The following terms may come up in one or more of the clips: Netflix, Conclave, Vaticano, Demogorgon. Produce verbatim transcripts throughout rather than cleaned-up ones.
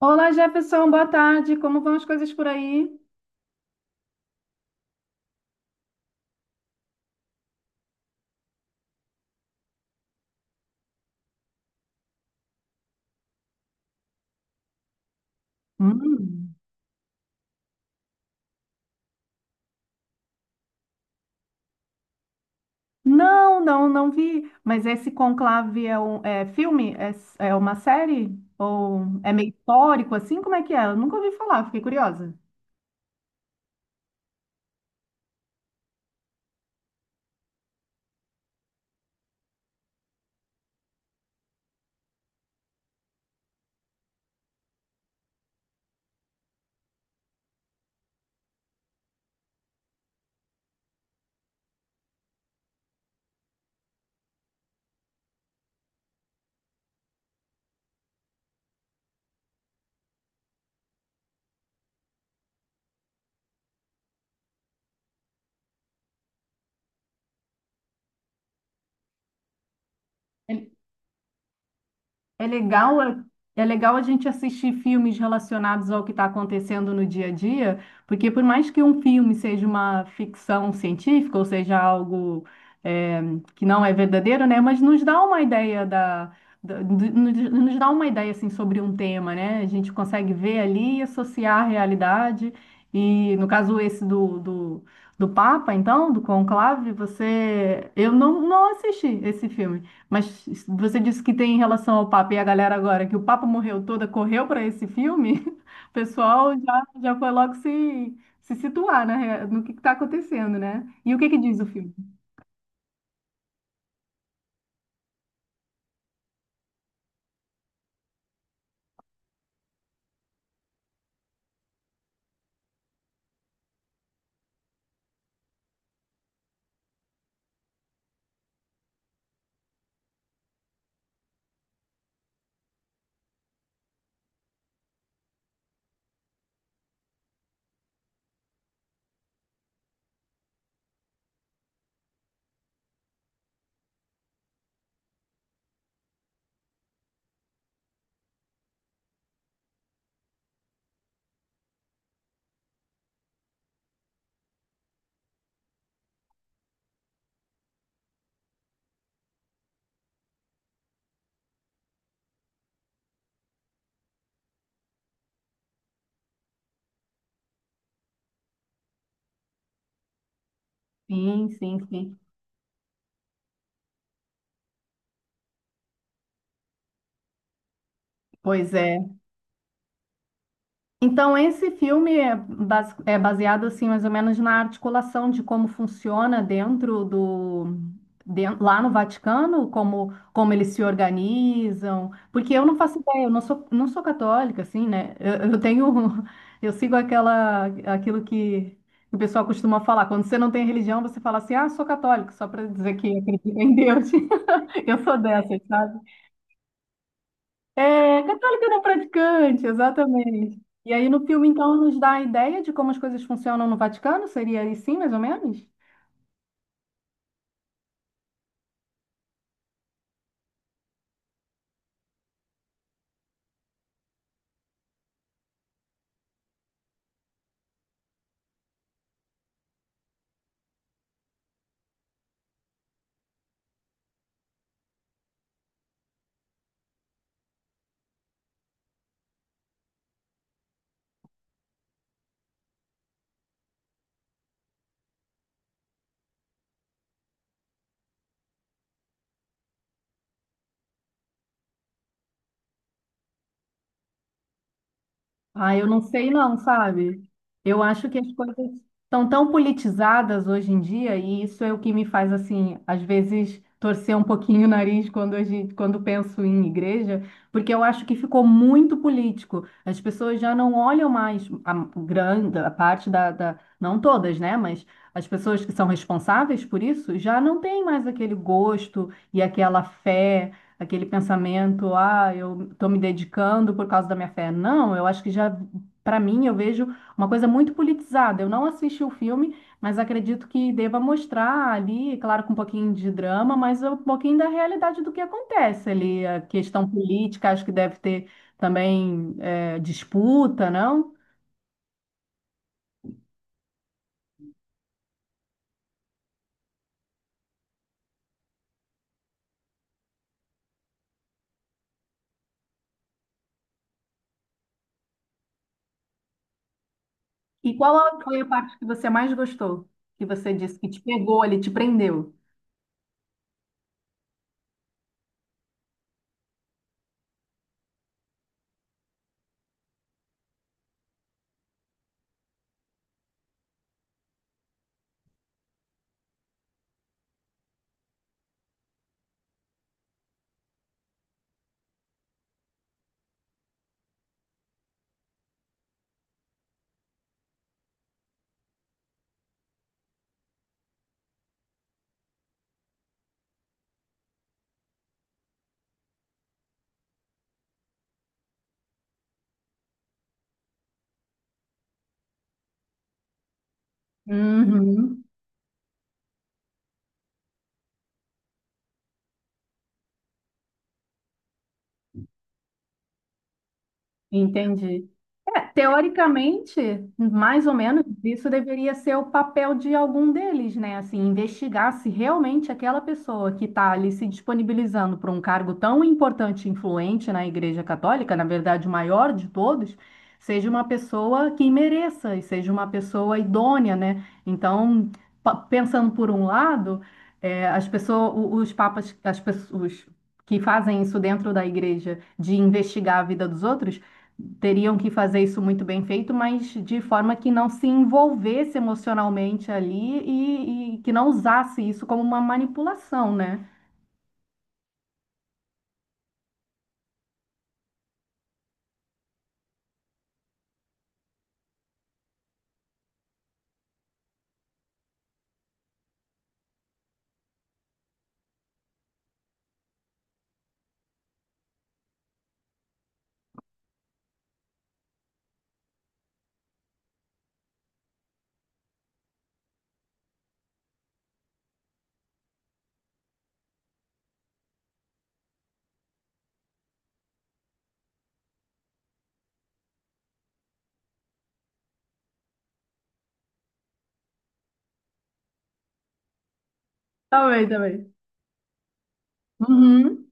Olá, Jefferson, boa tarde. Como vão as coisas por aí? Hum. Não, não, não vi. Mas esse Conclave é um é filme? É, s- é uma série? Ou é meio histórico assim? Como é que é? Eu nunca ouvi falar, fiquei curiosa. É legal, é é legal a gente assistir filmes relacionados ao que está acontecendo no dia a dia, porque por mais que um filme seja uma ficção científica, ou seja, algo é, que não é verdadeiro, né? Mas nos dá uma ideia da, da- do- nos nos dá uma ideia assim sobre um tema, né? A gente consegue ver ali e associar a realidade. E no caso esse do, do, do Papa, então, do Conclave, você, eu não, não assisti esse filme. Mas você disse que tem em relação ao Papa e a galera agora, que o Papa morreu toda, correu para esse filme, o pessoal já, já foi logo se, se situar na no que está acontecendo, né? E o que que diz o filme? Sim, sim, sim. Pois é. Então, esse filme é bas- é baseado, assim, mais ou menos na articulação de como funciona dentro do... den- lá no Vaticano, como, como eles se organizam. Porque eu não faço ideia, eu não sou, não sou católica, assim, né? Eu, eu tenho... Eu sigo aquela, aquilo que o pessoal costuma falar. Quando você não tem religião, você fala assim, ah, sou católico, só para dizer que acredito em Deus. Eu sou dessas, sabe? É, católica não praticante, exatamente. E aí no filme, então, nos dá a ideia de como as coisas funcionam no Vaticano? Seria assim, mais ou menos? Ah, eu não sei não, sabe? Eu acho que as coisas estão tão politizadas hoje em dia e isso é o que me faz, assim, às vezes torcer um pouquinho o nariz quando, a gente, quando penso em igreja, porque eu acho que ficou muito político. As pessoas já não olham mais a grande, a parte da, da... Não todas, né? Mas as pessoas que são responsáveis por isso já não têm mais aquele gosto e aquela fé aquele pensamento, ah, eu estou me dedicando por causa da minha fé. Não, eu acho que já, para mim, eu vejo uma coisa muito politizada. Eu não assisti o filme, mas acredito que deva mostrar ali, claro, com um pouquinho de drama, mas um pouquinho da realidade do que acontece ali. A questão política, acho que deve ter também eh, disputa, não? E qual a- foi a parte que você mais gostou? Que você disse que te pegou ali, te prendeu? Uhum. Entendi. É, teoricamente, mais ou menos, isso deveria ser o papel de algum deles, né? Assim, investigar se realmente aquela pessoa que está ali se disponibilizando para um cargo tão importante e influente na Igreja Católica, na verdade, o maior de todos, seja uma pessoa que mereça e seja uma pessoa idônea, né? Então, pa- pensando por um lado, é, as pessoas, o- os papas, as pessoas que fazem isso dentro da igreja de investigar a vida dos outros teriam que fazer isso muito bem feito, mas de forma que não se envolvesse emocionalmente ali e, e que não usasse isso como uma manipulação, né? Também, também. Uhum.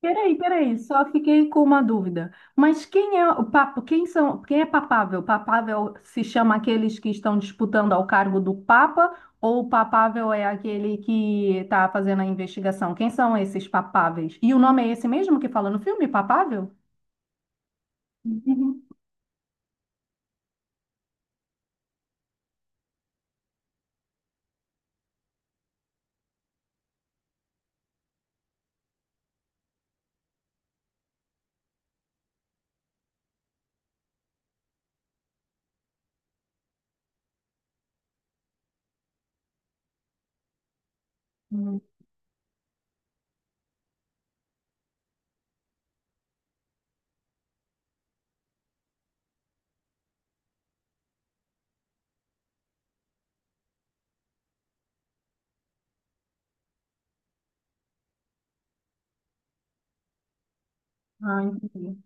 Peraí, peraí, só fiquei com uma dúvida. Mas quem é o papo? Quem são? Quem é papável? Papável se chama aqueles que estão disputando ao cargo do Papa ou o papável é aquele que está fazendo a investigação? Quem são esses papáveis? E o nome é esse mesmo que fala no filme, papável? Uhum. Ah, entendi.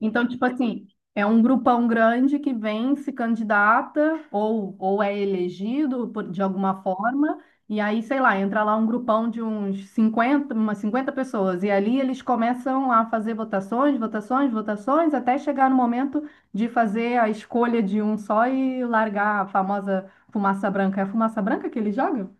Então, tipo assim, é um grupão grande que vem, se candidata ou, ou é elegido por- de alguma forma, e aí, sei lá, entra lá um grupão de uns cinquenta umas cinquenta pessoas, e ali eles começam a fazer votações, votações, votações, até chegar no momento de fazer a escolha de um só e largar a famosa fumaça branca. É a fumaça branca que ele joga?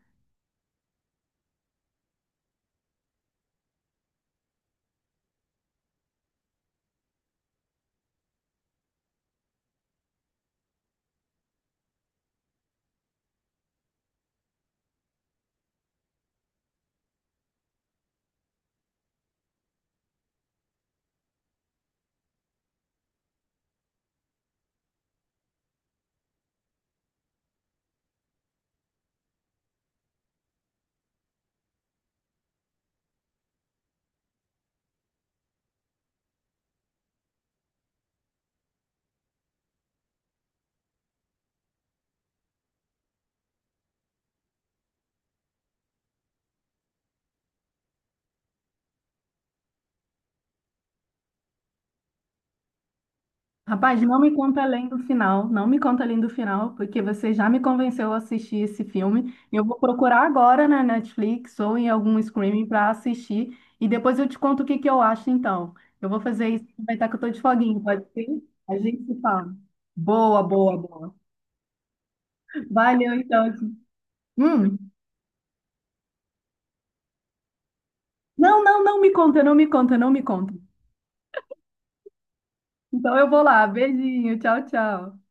Rapaz, não me conta além do final, não me conta além do final, porque você já me convenceu a assistir esse filme. Eu vou procurar agora na Netflix ou em algum streaming para assistir e depois eu te conto o que que eu acho então. Eu vou fazer isso, aproveitar que eu tô de foguinho, pode ser? A gente se fala. Boa, boa, boa. Valeu então. Hum. Não, não, não me conta, não me conta, não me conta. Então eu vou lá. Beijinho, tchau, tchau.